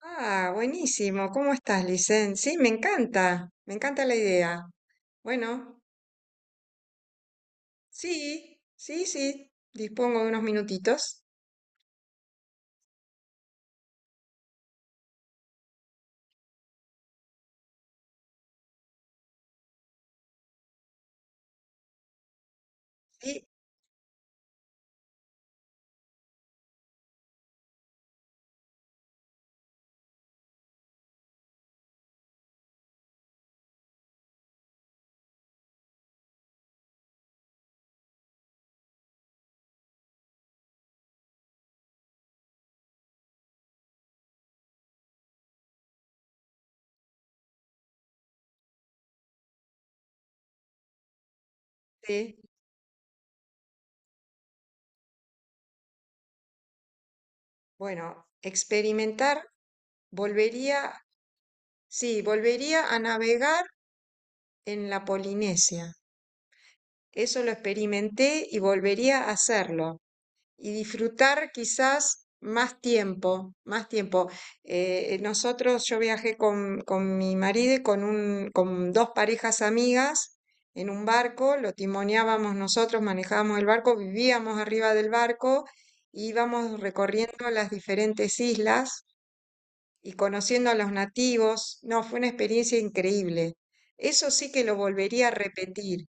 Ah, buenísimo. ¿Cómo estás, Licen? Sí, me encanta la idea. Bueno, sí, sí, sí, dispongo de unos minutitos. Sí, sí. Bueno, experimentar, volvería, sí, volvería a navegar en la Polinesia. Eso lo experimenté y volvería a hacerlo. Y disfrutar quizás más tiempo, más tiempo. Yo viajé con mi marido y con, un, con dos parejas amigas en un barco, lo timoneábamos nosotros, manejábamos el barco, vivíamos arriba del barco, e íbamos recorriendo las diferentes islas y conociendo a los nativos. No, fue una experiencia increíble. Eso sí que lo volvería a repetir.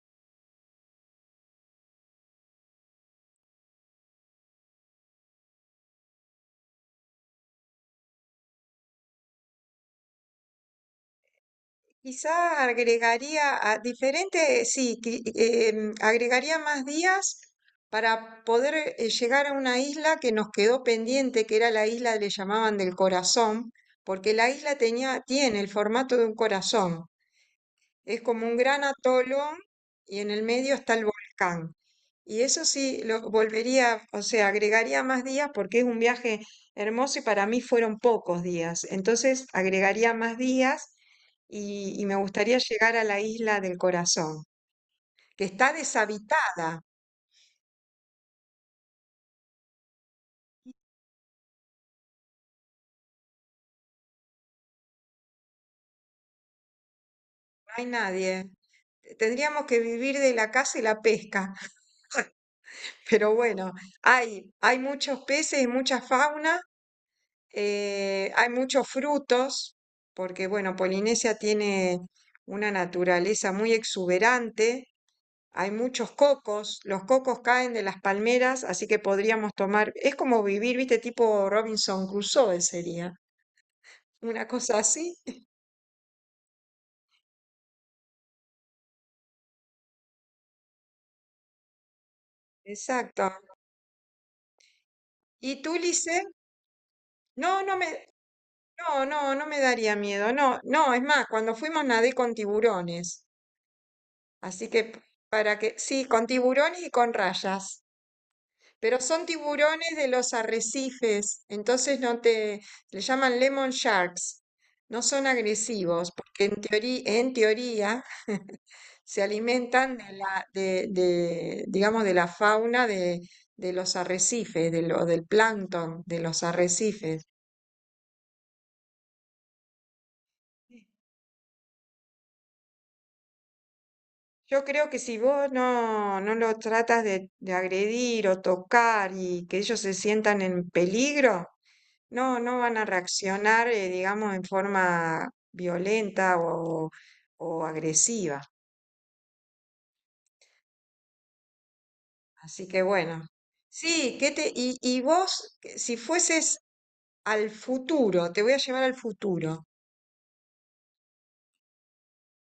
Quizá agregaría a diferente, sí, agregaría más días para poder llegar a una isla que nos quedó pendiente, que era la isla, le llamaban del corazón, porque la isla tenía, tiene el formato de un corazón. Es como un gran atolón y en el medio está el volcán. Y eso sí, lo volvería, o sea, agregaría más días porque es un viaje hermoso y para mí fueron pocos días. Entonces, agregaría más días y me gustaría llegar a la isla del corazón, que está deshabitada, no hay nadie. Tendríamos que vivir de la caza y la pesca, pero bueno, hay muchos peces y mucha fauna. Hay muchos frutos, porque bueno, Polinesia tiene una naturaleza muy exuberante, hay muchos cocos, los cocos caen de las palmeras, así que podríamos tomar, es como vivir, viste, tipo Robinson Crusoe sería, una cosa así. Exacto. ¿Y tú, Lice? No, no me, no, no, no me daría miedo, no, no, es más, cuando fuimos nadé con tiburones, así que para que, sí, con tiburones y con rayas. Pero son tiburones de los arrecifes, entonces no te, le llaman lemon sharks. No son agresivos, porque en teoría se alimentan de la, de, digamos, de la fauna de los arrecifes, del plancton de los arrecifes. Yo creo que si vos no lo tratas de agredir o tocar y que ellos se sientan en peligro, no, no van a reaccionar, digamos, en forma violenta o agresiva. Así que bueno, sí, ¿qué te, y vos, que si fueses al futuro, te voy a llevar al futuro,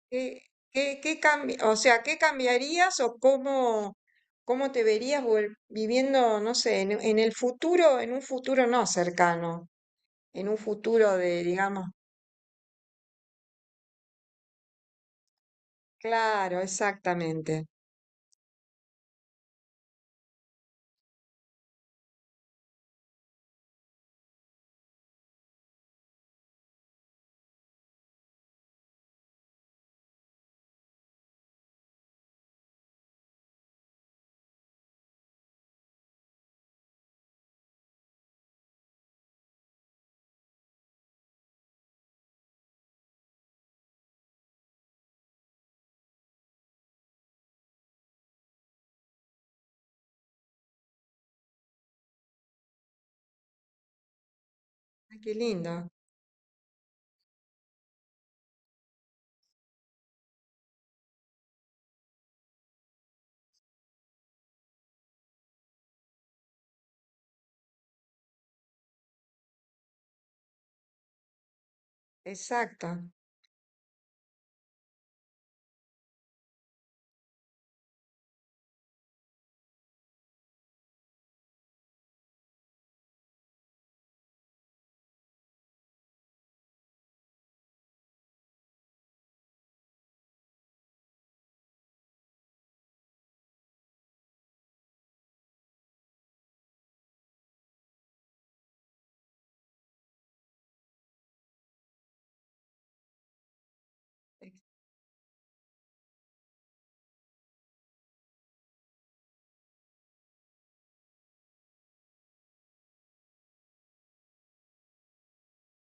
¿qué, ¿qué o sea, ¿qué cambiarías o cómo, cómo te verías viviendo, no sé, en el futuro, en un futuro no cercano, en un futuro de, digamos, claro, exactamente. Ay, qué lindo, exacto.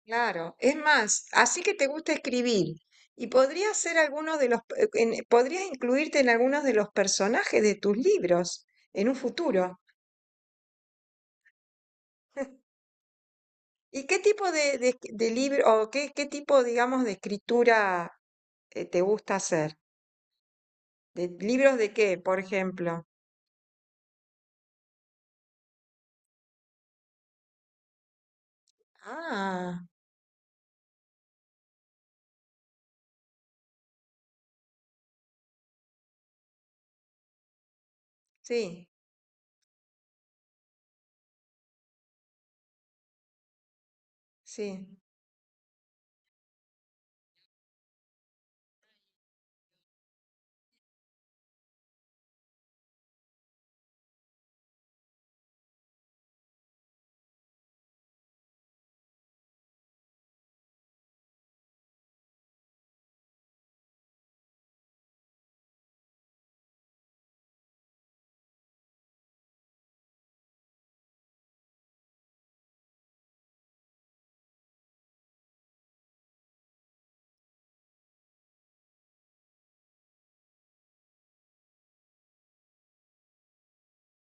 Claro, es más, así que te gusta escribir y podrías ser alguno de los, podrías incluirte en algunos de los personajes de tus libros en un futuro. ¿Y qué tipo de libro o qué, qué tipo, digamos, de escritura te gusta hacer? ¿De libros de qué, por ejemplo? Ah, sí, sí,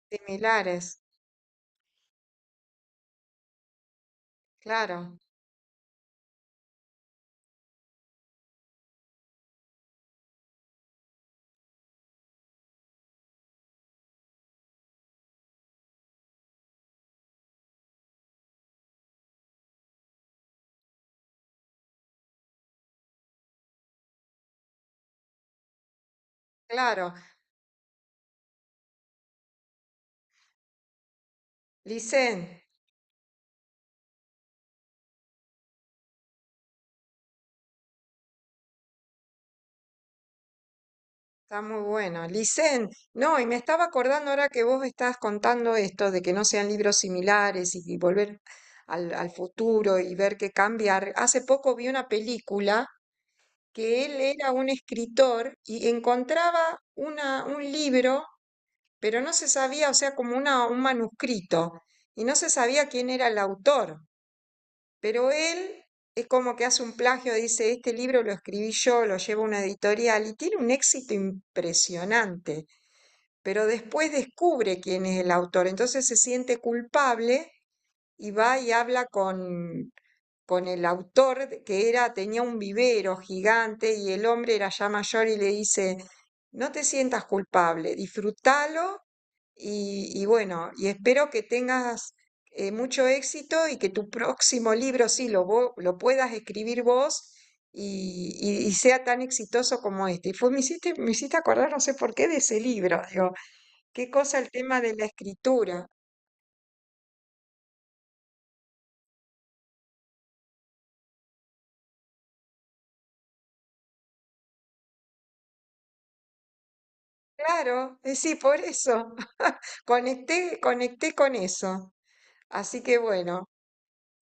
similares, claro, claro. Licen. Está muy bueno. Licen, no, y me estaba acordando ahora que vos estás contando esto de que no sean libros similares y volver al, al futuro y ver qué cambiar. Hace poco vi una película que él era un escritor y encontraba una, un libro, pero no se sabía, o sea, como una, un manuscrito, y no se sabía quién era el autor. Pero él es como que hace un plagio, dice, este libro lo escribí yo, lo llevo a una editorial y tiene un éxito impresionante, pero después descubre quién es el autor, entonces se siente culpable y va y habla con el autor que era, tenía un vivero gigante y el hombre era ya mayor y le dice, no te sientas culpable, disfrútalo y bueno, y espero que tengas mucho éxito y que tu próximo libro sí lo, lo puedas escribir vos. Y sea tan exitoso como este. Y fue, me hiciste acordar, no sé por qué, de ese libro. Digo, qué cosa el tema de la escritura. Claro, sí, por eso. Conecté con eso. Así que bueno,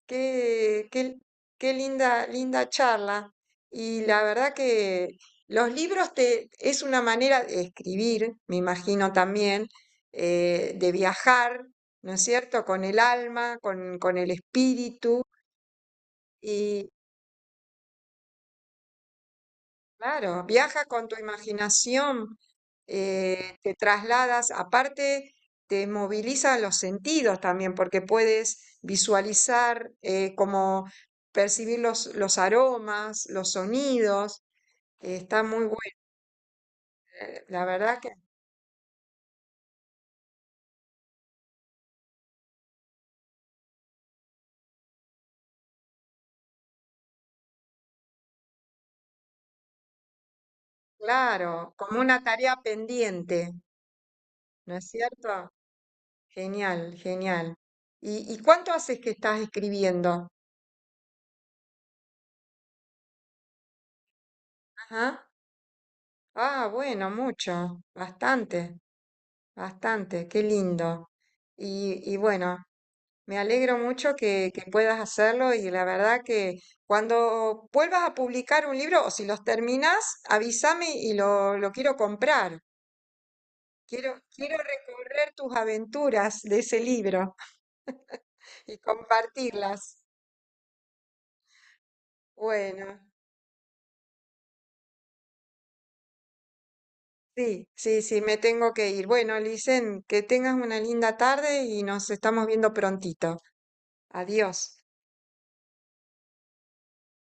qué, qué, qué linda charla. Y la verdad que los libros te, es una manera de escribir, me imagino también, de viajar, ¿no es cierto? Con el alma, con el espíritu. Claro, viajas con tu imaginación, te trasladas, aparte te moviliza los sentidos también, porque puedes visualizar, como percibir los aromas, los sonidos, está muy bueno, la verdad que, claro, como una tarea pendiente, ¿no es cierto? Genial, genial. Y cuánto haces que estás escribiendo? Ajá. Ah, bueno, mucho, bastante. Bastante, qué lindo. Y bueno, me alegro mucho que puedas hacerlo y la verdad que cuando vuelvas a publicar un libro o si los terminas, avísame y lo quiero comprar. Quiero recorrer tus aventuras de ese libro y compartirlas. Bueno, sí, sí, sí, me tengo que ir. Bueno, Licen, que tengas una linda tarde y nos estamos viendo prontito. Adiós.